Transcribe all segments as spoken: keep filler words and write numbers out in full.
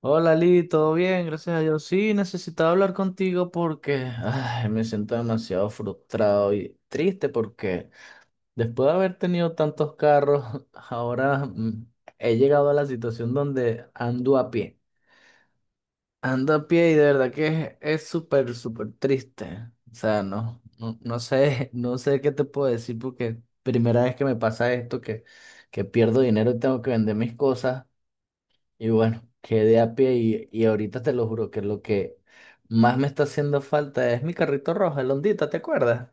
Hola Lee, ¿todo bien? Gracias a Dios. Sí, necesitaba hablar contigo porque ay, me siento demasiado frustrado y triste porque después de haber tenido tantos carros, ahora mm, he llegado a la situación donde ando a pie. Ando a pie y de verdad que es es súper, súper triste. O sea, no, no, no sé, no sé qué te puedo decir porque primera vez que me pasa esto, que, que pierdo dinero y tengo que vender mis cosas. Y bueno, quedé a pie y, y ahorita te lo juro que lo que más me está haciendo falta es mi carrito rojo, el Hondita, ¿te acuerdas?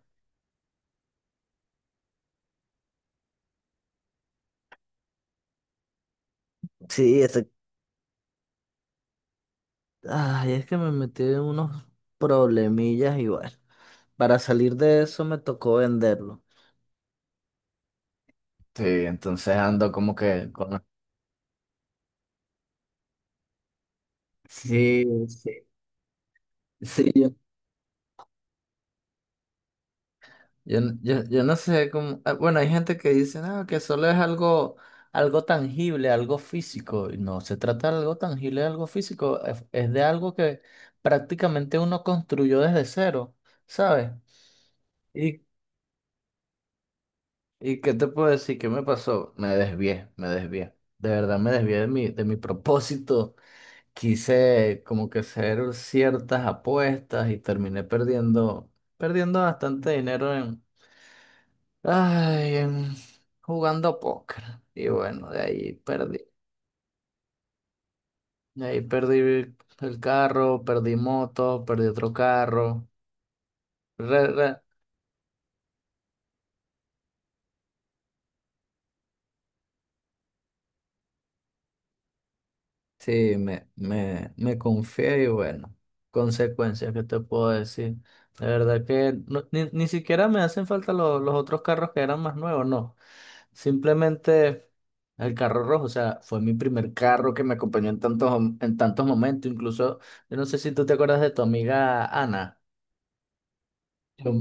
Sí, ese... Ay, es que me metí en unos problemillas y bueno, para salir de eso me tocó venderlo. Sí, entonces ando como que con... Sí, sí. Sí, Yo, n- yo, yo no sé cómo. ah, Bueno, hay gente que dice, no, que solo es algo, algo tangible, algo físico. Y no, se trata de algo tangible, de algo físico. Es, es de algo que prácticamente uno construyó desde cero, ¿sabes? ¿Y, y qué te puedo decir? ¿Qué me pasó? Me desvié, me desvié. De verdad me desvié de mi, de mi propósito. Quise como que hacer ciertas apuestas y terminé perdiendo, perdiendo bastante dinero. Ay, em, jugando póker. Y bueno, de ahí perdí. De ahí perdí el carro, perdí moto, perdí otro carro. Re, re- Sí, me, me, me confié y bueno, consecuencias, ¿qué te puedo decir? De verdad que no- ni, ni siquiera me hacen falta lo- los otros carros que eran más nuevos, no. Simplemente el carro rojo, o sea, fue mi primer carro que me acompañó en tantos, en tantos momentos. Incluso, yo no sé si tú te acuerdas de tu amiga Ana. Yo,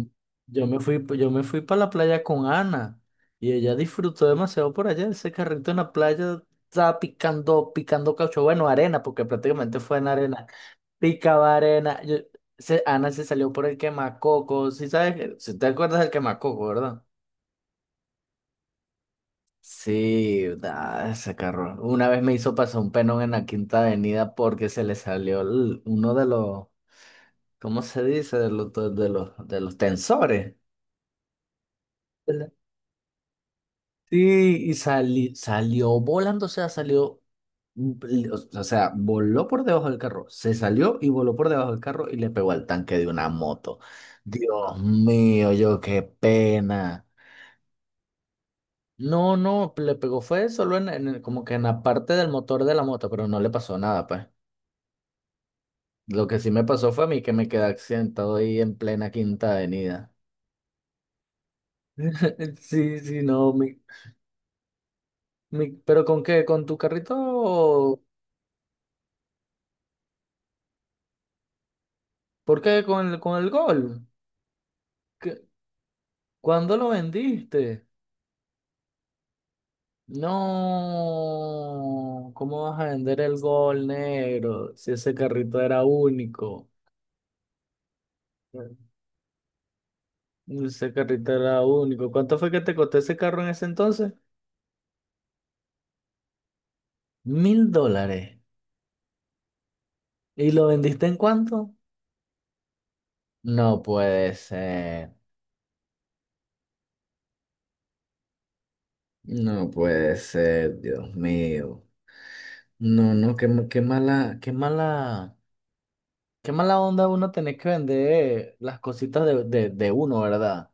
yo me fui, yo me fui para la playa con Ana y ella disfrutó demasiado por allá. Ese carrito en la playa estaba picando, picando caucho, bueno, arena, porque prácticamente fue en arena. Picaba arena. Yo- se- Ana se salió por el quemacoco. Si sabes, si te acuerdas del quemacoco, ¿verdad? Sí, da, ese carro. Una vez me hizo pasar un penón en la Quinta Avenida porque se le salió el- uno de los, ¿cómo se dice? De los, de los, de los tensores. Sí, y sali- salió volando, o sea, salió, mm, o sea, voló por debajo del carro, se salió y voló por debajo del carro y le pegó al tanque de una moto. Dios mío, yo qué pena. No, no, le pegó fue solo en, en el- como que en la parte del motor de la moto, pero no le pasó nada, pues. Lo que sí me pasó fue a mí que me quedé accidentado ahí en plena Quinta Avenida. Sí, sí, no, mi, mi- pero ¿con qué? ¿Con tu carrito? ¿Por qué? ¿Con el, con el gol? ¿Cuándo lo vendiste? No, ¿cómo vas a vender el Gol negro si ese carrito era único? Ese carrito era único. ¿Cuánto fue que te costó ese carro en ese entonces? Mil dólares. ¿Y lo vendiste en cuánto? No puede ser. No puede ser, Dios mío. No, no, qué, ma- qué mala, qué mala, qué mala onda uno tener que vender las cositas de, de, de uno, ¿verdad?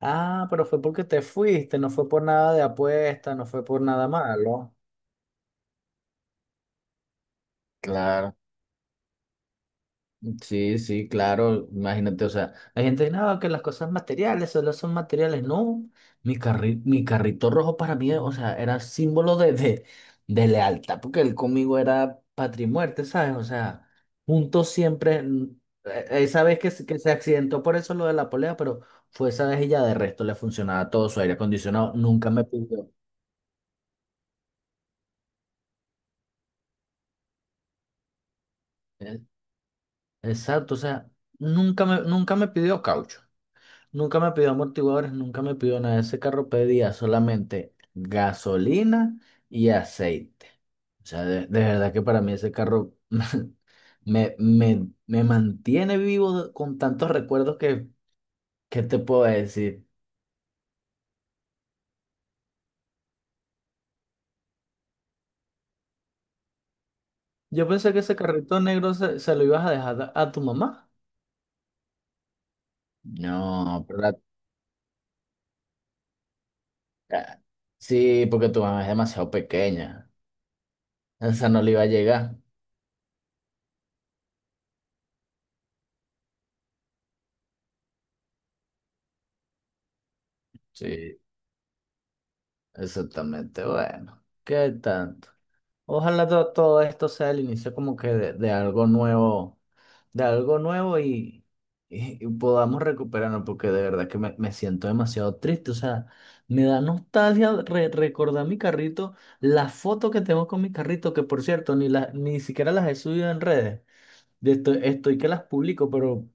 Ah, pero fue porque te fuiste, no fue por nada de apuesta, no fue por nada malo. Claro, sí, sí, claro, imagínate, o sea, la gente, no, que las cosas materiales solo son materiales. No, mi carri- mi carrito rojo para mí, o sea, era símbolo de, de, de lealtad, porque él conmigo era patria y muerte, ¿sabes? O sea, juntos siempre, mm, e- esa vez que, se- que se accidentó por eso lo de la polea, pero fue esa vez y ya de resto le funcionaba todo su aire acondicionado, nunca me pidió. Exacto, o sea, nunca me, nunca me pidió caucho, nunca me pidió amortiguadores, nunca me pidió nada. Ese carro pedía solamente gasolina y aceite. O sea, de, de verdad que para mí ese carro me, me, me mantiene vivo con tantos recuerdos que, que te puedo decir. Yo pensé que ese carrito negro se, se lo ibas a dejar a, a tu mamá. No, pero la- ah, sí, porque tu mamá es demasiado pequeña. Esa no le iba a llegar. Sí. Exactamente, bueno, ¿qué tanto? Ojalá to- todo, esto sea el inicio como que de, de algo nuevo, de algo nuevo y, y- y podamos recuperarnos, porque de verdad que me, me siento demasiado triste, o sea, me da nostalgia re- recordar mi carrito, las fotos que tengo con mi carrito, que por cierto, ni, la, ni siquiera las he subido en redes de esto estoy que las publico, pero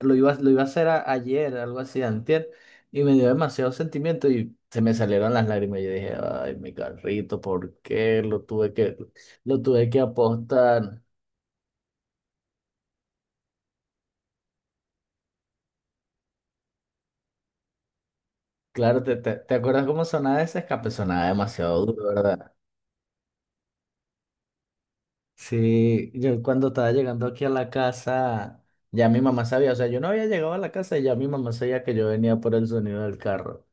lo iba, lo iba a hacer a- ayer, algo así, antier, y me dio demasiado sentimiento y se me salieron las lágrimas. Yo dije, ay, mi carrito, ¿por qué lo tuve que, lo tuve que apostar? Claro, ¿te, te, te acuerdas cómo sonaba ese escape? Sonaba demasiado duro, ¿verdad? Sí, yo cuando estaba llegando aquí a la casa, ya mi mamá sabía, o sea, yo no había llegado a la casa y ya mi mamá sabía que yo venía por el sonido del carro.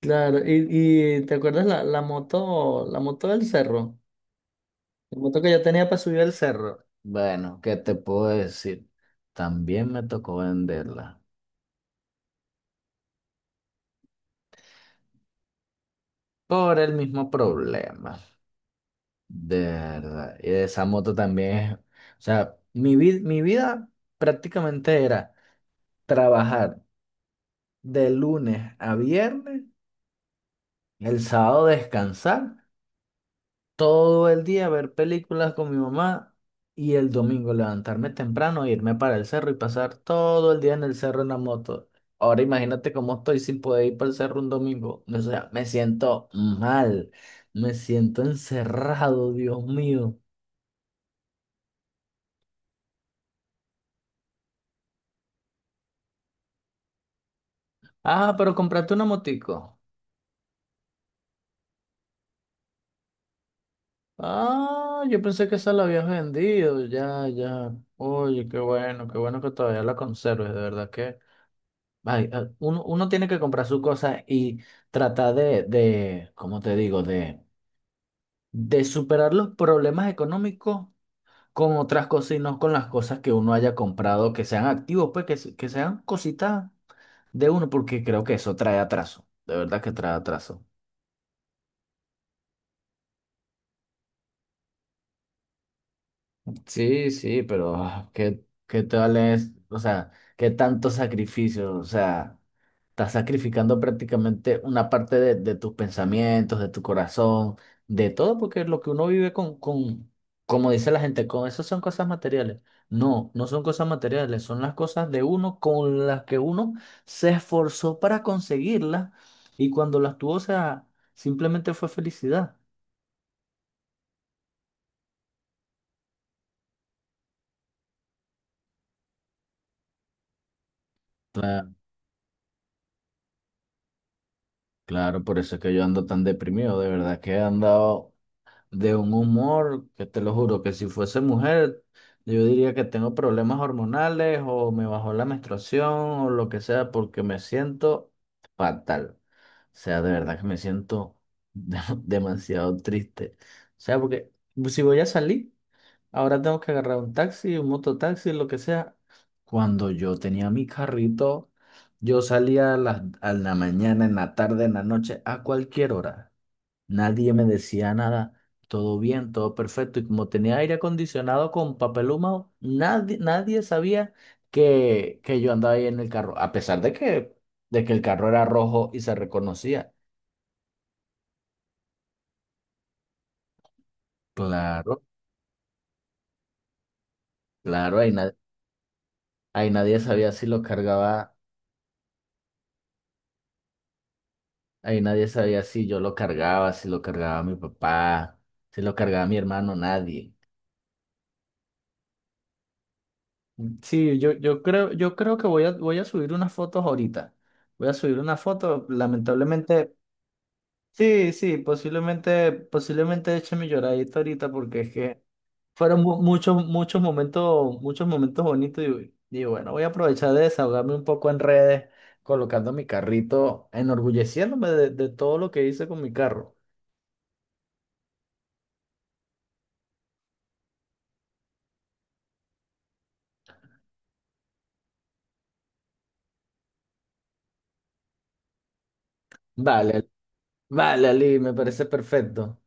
Claro, y, y ¿te acuerdas la, la moto, la moto del cerro? La moto que yo tenía para subir el cerro. Bueno, ¿qué te puedo decir? También me tocó venderla por el mismo problema, de verdad. Y esa moto también es, o sea, mi vid- mi vida prácticamente era trabajar de lunes a viernes, el sábado descansar todo el día ver películas con mi mamá y el domingo levantarme temprano, irme para el cerro y pasar todo el día en el cerro en la moto. Ahora imagínate cómo estoy sin poder ir para el cerro un domingo. O sea, me siento mal, me siento encerrado, Dios mío. Ah, pero compraste una motico. Ah, yo pensé que esa la habías vendido, ya, ya. Oye, qué bueno, qué bueno que todavía la conserves, de verdad que... Ay, ah, uno, uno tiene que comprar sus cosas y tratar de, de, ¿cómo te digo? De, de superar los problemas económicos con otras cosas y no con las cosas que uno haya comprado, que sean activos, pues que, se- que sean cositas de uno, porque creo que eso trae atraso. De verdad que trae atraso. Sí, sí, pero ah, ¿qué, qué tal es? O sea, ¿qué tanto sacrificio? O sea, estás sacrificando prácticamente una parte de, de tus pensamientos, de tu corazón, de todo, porque lo que uno vive con, con, como dice la gente, con eso son cosas materiales. No, no son cosas materiales, son las cosas de uno con las que uno se esforzó para conseguirlas y cuando las tuvo, o sea, simplemente fue felicidad. Claro, por eso es que yo ando tan deprimido, de verdad que he andado de un humor que te lo juro que si fuese mujer, yo diría que tengo problemas hormonales o me bajó la menstruación o lo que sea porque me siento fatal. O sea, de verdad que me siento de- demasiado triste. O sea, porque si voy a salir... Ahora tengo que agarrar un taxi, un mototaxi, lo que sea. Cuando yo tenía mi carrito, yo salía a la, a la mañana, en la tarde, en la noche, a cualquier hora. Nadie me decía nada. Todo bien, todo perfecto. Y como tenía aire acondicionado con papel húmedo, nadie, nadie sabía que, que yo andaba ahí en el carro, a pesar de que, de que el carro era rojo y se reconocía. Claro, claro, ahí, na- ahí nadie sabía si lo cargaba. Ahí nadie sabía si yo lo cargaba, si lo cargaba mi papá, si lo cargaba mi hermano, nadie. Sí, yo, yo creo, yo creo que voy a, voy a subir unas fotos ahorita. Voy a subir una foto, lamentablemente. Sí, sí, posiblemente, posiblemente eche mi lloradita ahorita porque es que fueron mu- muchos, muchos momentos, muchos momentos bonitos y, y bueno, voy a aprovechar de desahogarme un poco en redes, colocando mi carrito, enorgulleciéndome de de todo lo que hice con mi carro. Vale. Vale, Ali, me parece perfecto.